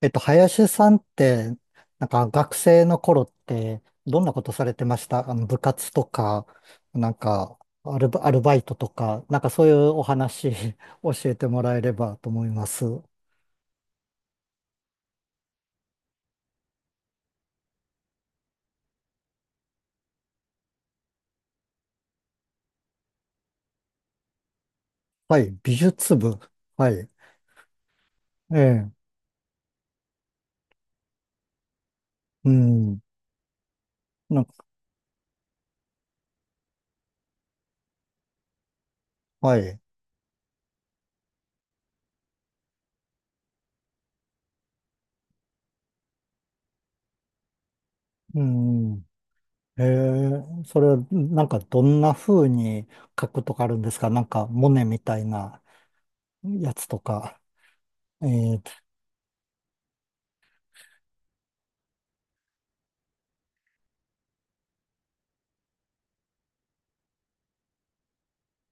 林さんって、学生の頃って、どんなことされてましたあの、部活とか、なんかアルバ、アルバイトとか、そういうお話 教えてもらえればと思います。はい、美術部。はい、ええ、うん、なんか、はい、うん、ええ、それどんな風に書くとかあるんですかなんか、モネみたいなやつとか。ええ、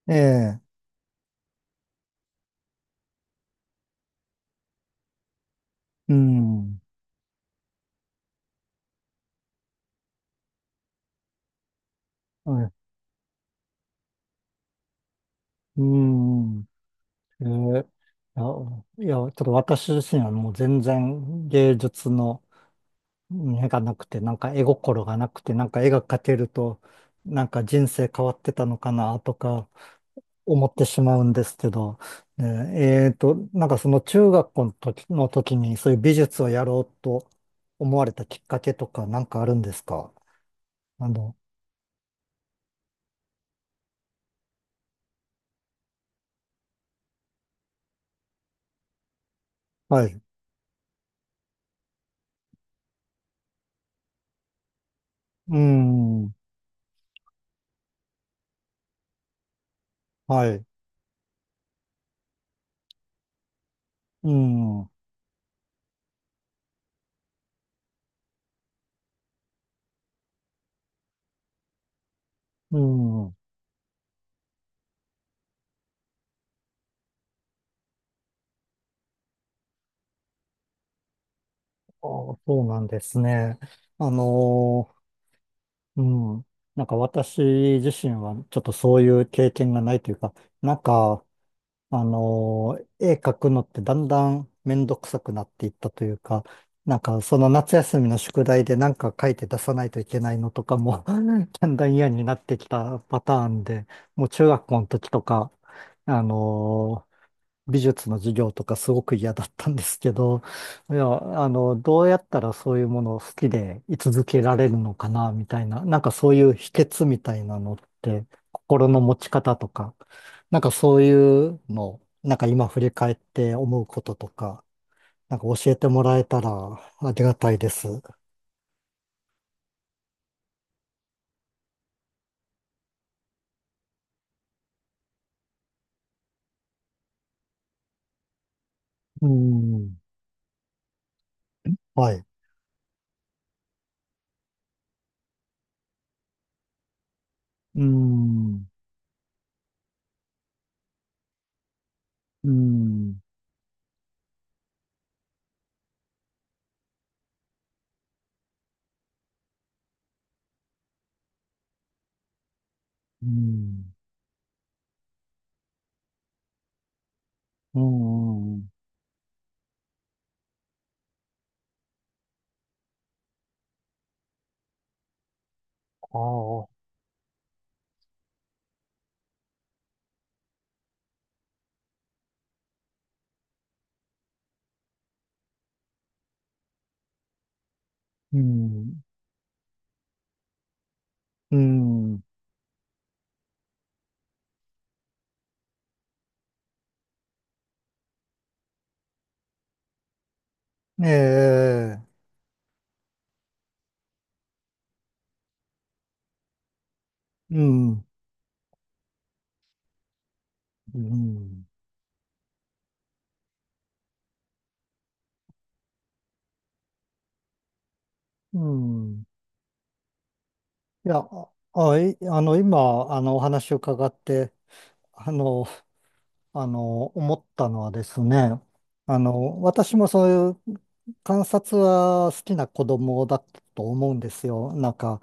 ええ、うん。うーん。えーいや、いや、ちょっと私自身はもう全然芸術の目がなくて、絵心がなくて、絵が描けると、人生変わってたのかなとか思ってしまうんですけど、ねなんかその中学校の時、の時にそういう美術をやろうと思われたきっかけとかなんかあるんですかあの、はい。うーん。はい。うーん。うーん。あー、そうなんですね。あのうん。なんか私自身はちょっとそういう経験がないというか、なんか、絵描くのってだんだんめんどくさくなっていったというか、なんかその夏休みの宿題でなんか書いて出さないといけないのとかも だんだん嫌になってきたパターンで、もう中学校の時とか、あのー美術の授業とかすごく嫌だったんですけど、いや、あの、どうやったらそういうものを好きで居続けられるのかな、みたいな、なんかそういう秘訣みたいなのって、心の持ち方とか、なんかそういうの、なんか今振り返って思うこととか、なんか教えてもらえたらありがたいです。うん。はい。うん。うん。うん。うん。ああ。うん。うん。ええ、うん、うん、うん。いや、あ、あいあの、今、あの、お話を伺って、あの、あの、思ったのはですね、あの、私もそういう観察は好きな子供だったと思うんですよ。なんか、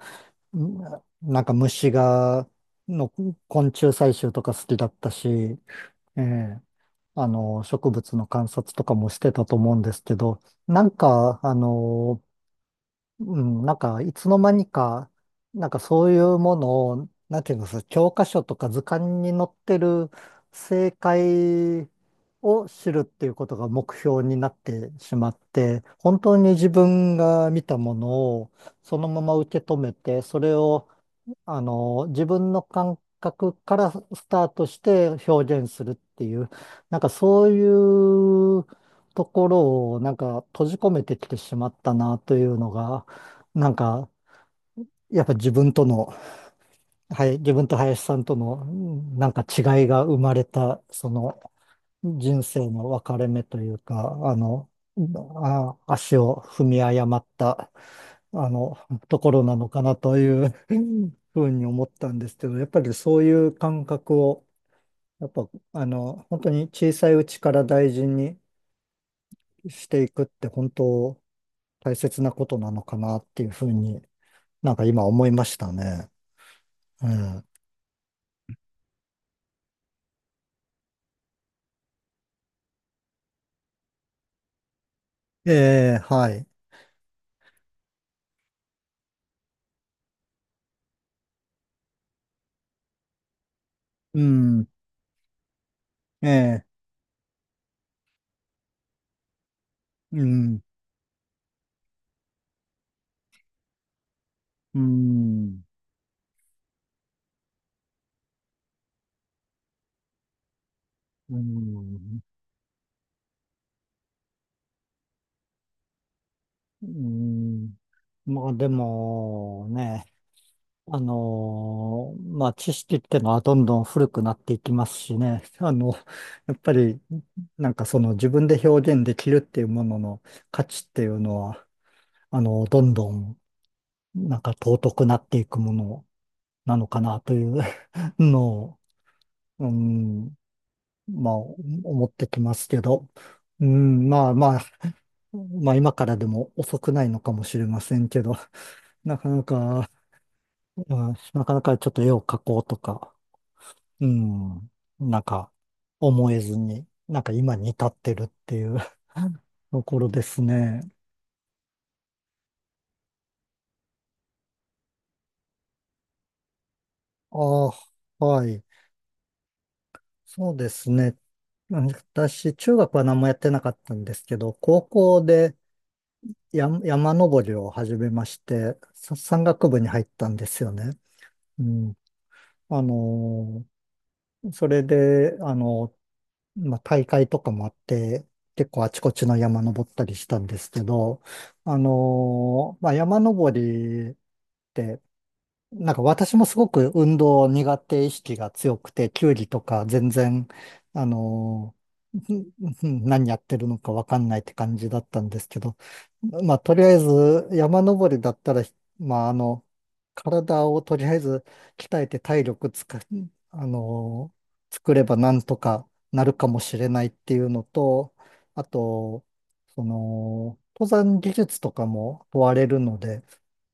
うん、なんか虫が、の昆虫採集とか好きだったし、ええ、あの、植物の観察とかもしてたと思うんですけど、なんか、あの、うん、なんか、いつの間にか、なんかそういうものを、なんていうんですか、教科書とか図鑑に載ってる正解を知るっていうことが目標になってしまって、本当に自分が見たものをそのまま受け止めて、それをあの、自分の感覚からスタートして表現するっていう、なんかそういうところをなんか閉じ込めてきてしまったなというのが、なんかやっぱ自分との、はい、自分と林さんとのうん、なんか違いが生まれた、その人生の分かれ目というか、あの、あ、足を踏み誤ったあの、ところなのかなという ふうに思ったんですけど、やっぱりそういう感覚を、やっぱ、あの、本当に小さいうちから大事にしていくって本当大切なことなのかなっていうふうになんか今思いましたね。うん。ええ、はい。うん。ええ、うん。うん。うん。うん。まあでもね、まあ、知識ってのはどんどん古くなっていきますしね。あの、やっぱり、なんかその自分で表現できるっていうものの価値っていうのは、あの、どんどん、なんか尊くなっていくものなのかなという のを、うん、まあ、思ってきますけど、うん、まあまあ、まあ今からでも遅くないのかもしれませんけど、なかなか、うん、なかなかちょっと絵を描こうとか、うん。なんか、思えずに、なんか今に至ってるっていう ところですね。ああ、はい。そうですね。私、中学は何もやってなかったんですけど、高校で山登りを始めまして、山岳部に入ったんですよね。うん。あのそれで、まあ、大会とかもあって、結構あちこちの山登ったりしたんですけど、まあ、なんか私もすごく運動苦手意識が強くて、球技とか全然、あのー何やってるのかわかんないって感じだったんですけど、まあ、とりあえず山登りだったら、まあ、あの、体をとりあえず鍛えて体力つか、あのー作ればなんとかなるかもしれないっていうのと、あと、その、登山技術とかも問われるので、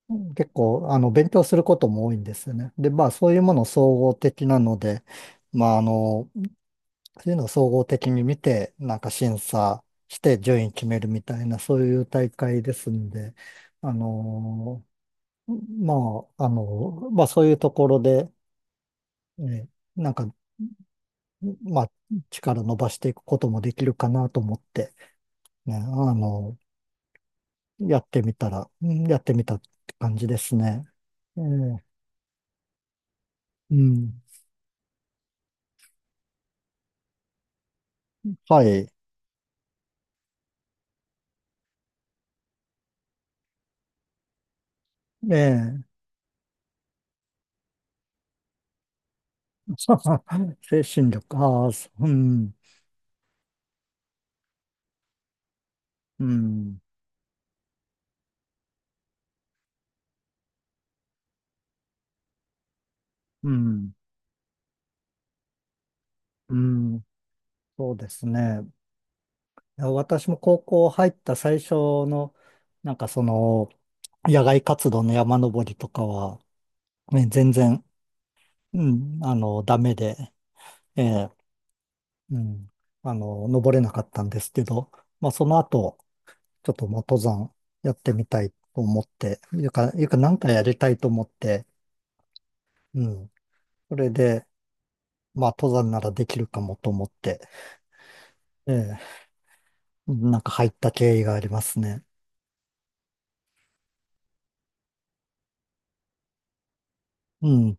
うん、結構、あの、勉強することも多いんですよね。で、まあ、そういうもの総合的なので、まあ、あの、そういうのを総合的に見て、なんか審査して順位決めるみたいな、そういう大会ですんで、あの、まあ、あの、まあ、そういうところで、ね、なんか、まあ、力伸ばしていくこともできるかなと思って、ね、あの、やってみたら、うん、やってみたって感じですね。ええ、うん。はい。ええ 精神力、ああ、そう、ん、うん、うん、うん、そうですね。いや私も高校入った最初の、なんかその、野外活動の山登りとかは、ね、全然、うん、あの、ダメで、ええ、うん、あの、登れなかったんですけど、まあ、その後、ちょっともう登山やってみたいと思って、いうか、いうか、なんかやりたいと思って、うん、それで、まあ、登山ならできるかもと思って、ええ、なんか入った経緯がありますね。うん、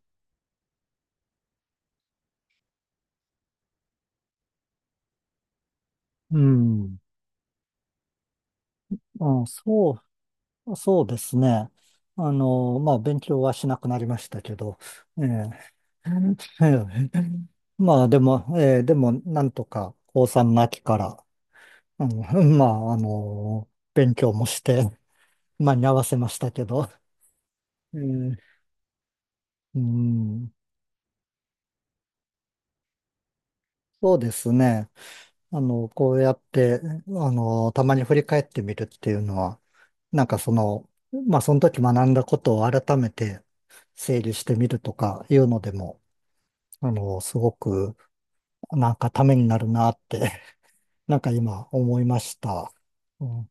うん。あ、そそうですね。あの、まあ、勉強はしなくなりましたけど、ええ、ええ、まあ、でも、ええ、でも、なんとか、高3の秋から、あの、まあ、あの、勉強もして、間に合わせましたけど、ええ、うん、そうですね。あの、こうやって、あの、たまに振り返ってみるっていうのは、なんかその、まあ、その時学んだことを改めて整理してみるとかいうのでも、あの、すごく、なんかためになるなって、なんか今思いました。うん